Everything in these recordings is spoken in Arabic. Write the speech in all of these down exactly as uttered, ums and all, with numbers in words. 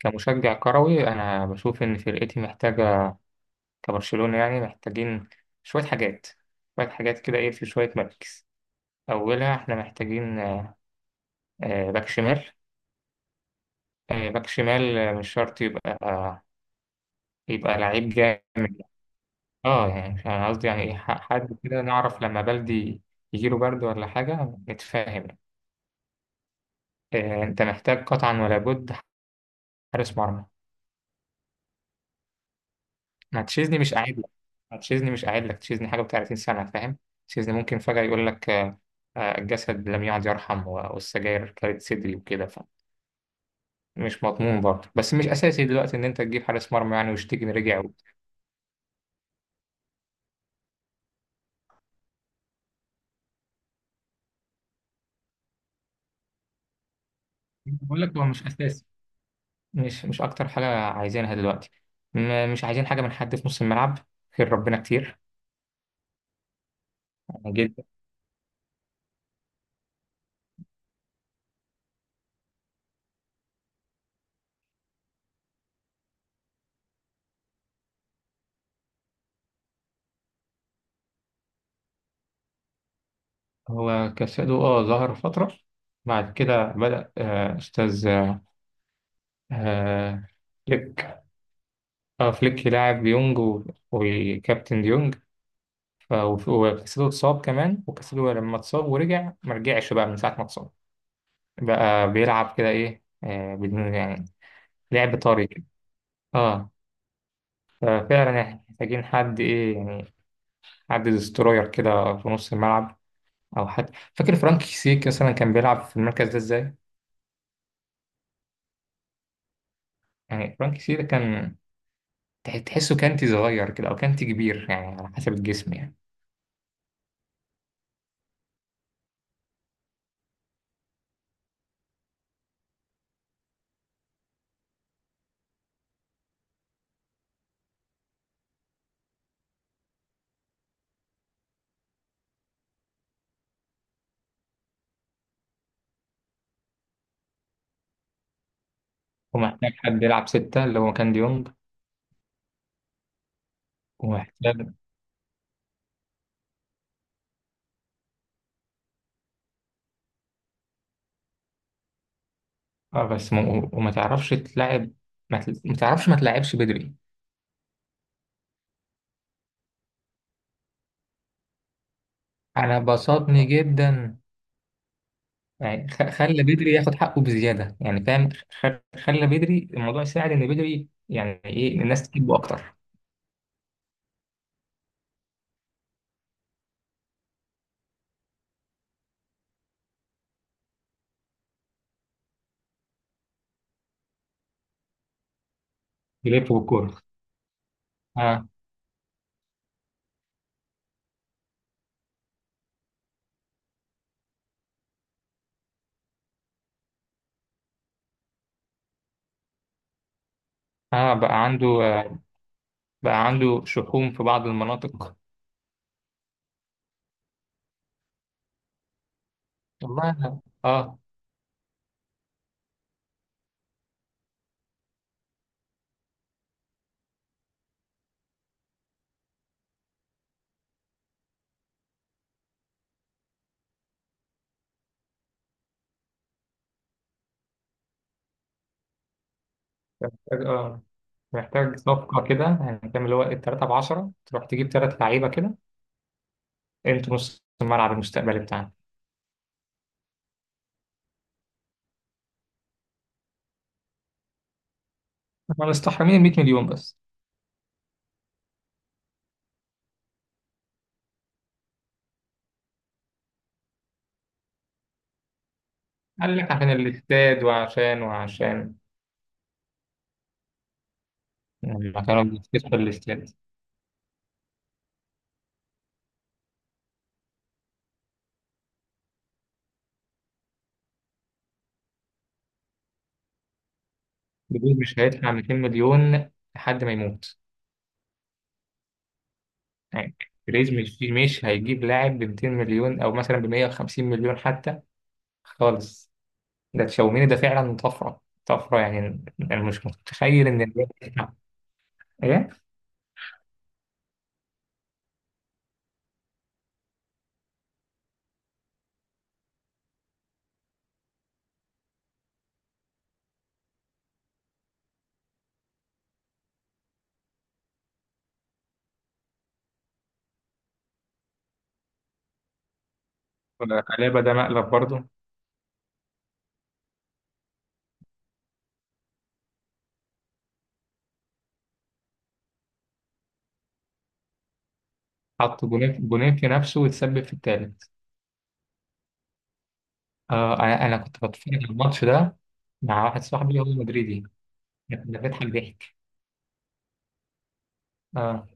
كمشجع كروي أنا بشوف إن فرقتي محتاجة كبرشلونة، يعني محتاجين شوية حاجات شوية حاجات كده، إيه، في شوية مراكز. أولها إحنا محتاجين آه، آه، باك شمال. آه، باك شمال آه، مش شرط يبقى، آه، يبقى لعيب جامد. اه يعني مش- أنا قصدي يعني إيه، ح- حد كده نعرف لما بلدي يجيله برد ولا حاجة نتفاهم. آه، أنت محتاج قطعا ولا بد حارس مرمى. ما تشيزني مش قاعد لك ما تشيزني مش قاعد لك، تشيزني حاجة و30 سنة فاهم. تشيزني ممكن فجأة يقول لك آه، آه، الجسد لم يعد يرحم و- والسجاير كانت صدري وكده. فمش مضمون برضه، بس مش أساسي دلوقتي إن أنت تجيب حارس مرمى، يعني وشتيجن رجع و- بقول لك هو مش أساسي. مش مش أكتر حاجة عايزينها دلوقتي. م- مش عايزين حاجة من حد في نص الملعب، خير ربنا كتير يعني جدا. هو كاسادو اه ظهر فترة، بعد كده بدأ آه، أستاذ آه، آه، اه فليك لاعب ديونج و- وكابتن ديونج. ف- وف- وكاسيدو اتصاب كمان، وكاسيدو لما اتصاب ورجع ما رجعش بقى، من ساعة ما اتصاب بقى بيلعب كده ايه، آه بدون يعني، لعب طري كده. اه. ففعلا احنا محتاجين حد ايه يعني، حد ديستروير كده في نص الملعب، او حد. فاكر فرانك سيك مثلا كان بيلعب في المركز ده ازاي؟ يعني فرانك سيك ده كان، تح- تحسه كانتي صغير كده او كانتي كبير، يعني على حسب الجسم يعني. ومحتاج حد يلعب ستة، اللي هو كان ديونج. ومحتاج، اه بس م... وما تعرفش تلعب. ما, تل... ما تعرفش ما تلعبش بدري. انا بسطني جدا، يعني خ... خلى بدري ياخد حقه بزياده يعني، فاهم. خ... خلى بدري الموضوع يساعد ان بدري، يعني ايه، الناس تجيبه اكتر. بيلف بالكوره. اه. اه بقى عنده آه بقى عنده شحوم في بعض المناطق. والله أنا- اه محتاج. اه محتاج صفقه كده يعني، فاهم، اللي هو التلاته ب عشرة تروح تجيب ثلاث لعيبه كده. انتوا نص الملعب المستقبلي بتاعنا. احنا مستحرمين ال 100 مليون بس. قال لك عشان الاستاد وعشان وعشان لما كانوا بيستثمروا في الاستاد. بيريز مش هيدفع 200 مليون لحد ما يموت. يعني بيريز مش مش هيجيب لاعب ب 200 مليون او مثلا ب 150 مليون حتى، خالص. ده تشاوميني ده فعلا طفره طفره، يعني انا مش متخيل ان الريال تدفع. ايه. قلابه ده، مقلب برضه. حط جونين جونين في نفسه وتسبب في الثالث. آه انا انا كنت بتفرج على الماتش ده مع واحد صاحبي هو مدريدي، ده بيضحك ضحك. اه.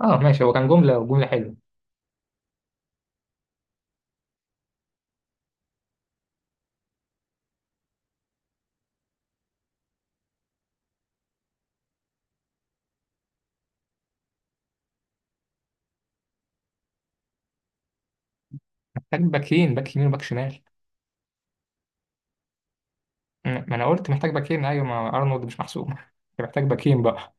اه ماشي، هو كان جملة وجملة حلوة. محتاج باكين، باك يمين وباك شمال. مم. ما انا قلت محتاج باكين، ايوه، ما ارنولد مش محسوب أنت محتاج باكين بقى.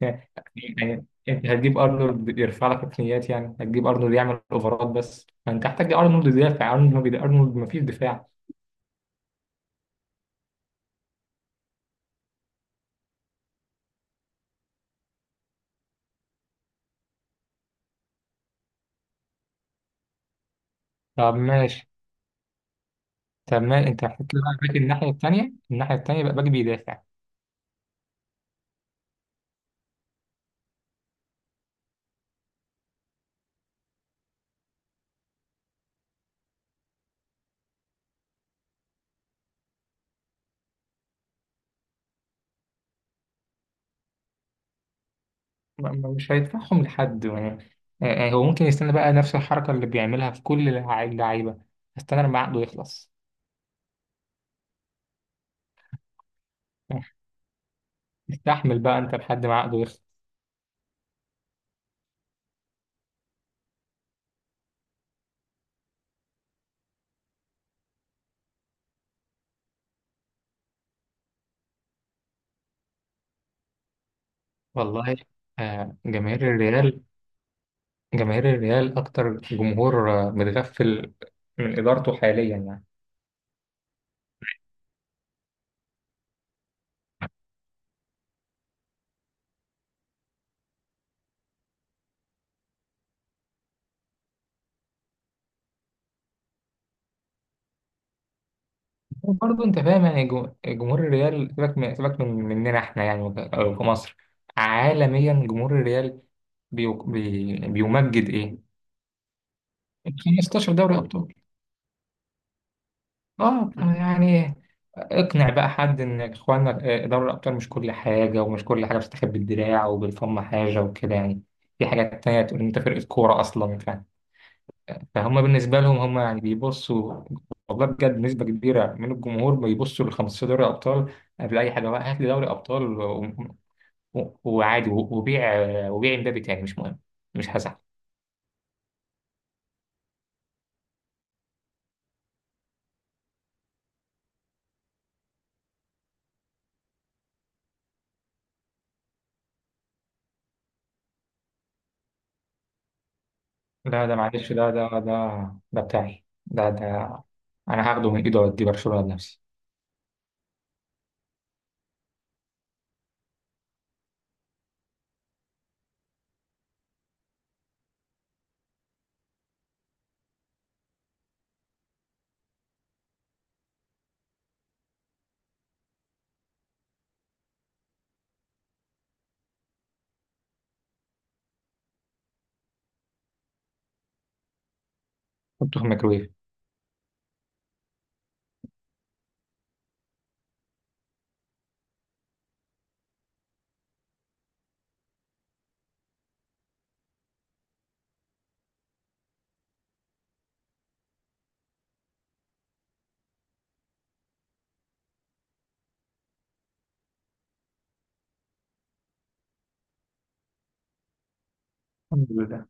يعني يعني انت هتجيب ارنولد يرفع لك ركنيات، يعني هتجيب ارنولد يعمل اوفرات، بس ما انت محتاج ارنولد يدافع. ارنولد ما بيد... ارنولد ما فيش دفاع. طب ماشي، طب ما انت محتاج بقى باك الناحية التانية الناحية التانية بقى باك بيدافع. ما- ما- مش هيدفعهم لحد يعني يعني هو ممكن يستنى بقى نفس الحركة اللي بيعملها في كل اللعيبة، استنى لما عقده يخلص. استحمل بقى انت لحد ما عقده يخلص. والله. آه، جماهير الريال جماهير الريال اكتر جمهور آه، متغفل من ادارته حاليا يعني. وبرضه انت فاهم يعني، جو- جمهور الريال، سيبك من سيبك من مننا احنا يعني، ك- أو في مصر، عالميا جمهور الريال بيو بي بيمجد ايه؟ خمستاشر دوري ابطال. اه يعني، اقنع بقى حد ان اخوانا، آه، دوري الابطال مش كل حاجه، ومش كل حاجه بتستخبى بالدراع وبالفم حاجه وكده يعني. في حاجات تانية تقول إن انت فرقه كوره اصلا، ف- فهم بالنسبه لهم، هم يعني بيبصوا. والله بجد نسبه كبيره من الجمهور بيبصوا ل خمسة عشر دوري ابطال قبل اي حاجه. بقى هات لي دوري ابطال و- و- وعادي، و- وبيع وبيع امبابي تاني مش مهم، مش هزعل. لا ده معلش، ده ده ده ده بتاعي، ده ده انا هاخده من ايده واديه برشلونه لنفسي. حطه في الميكرويف. الحمد لله.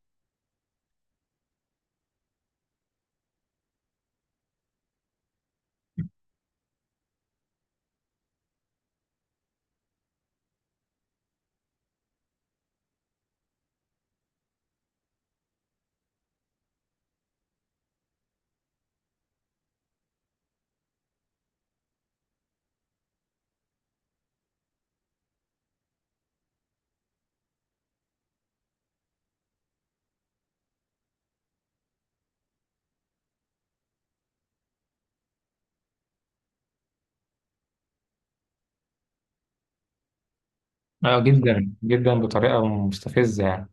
اه، جدا جدا، بطريقه مستفزه يعني.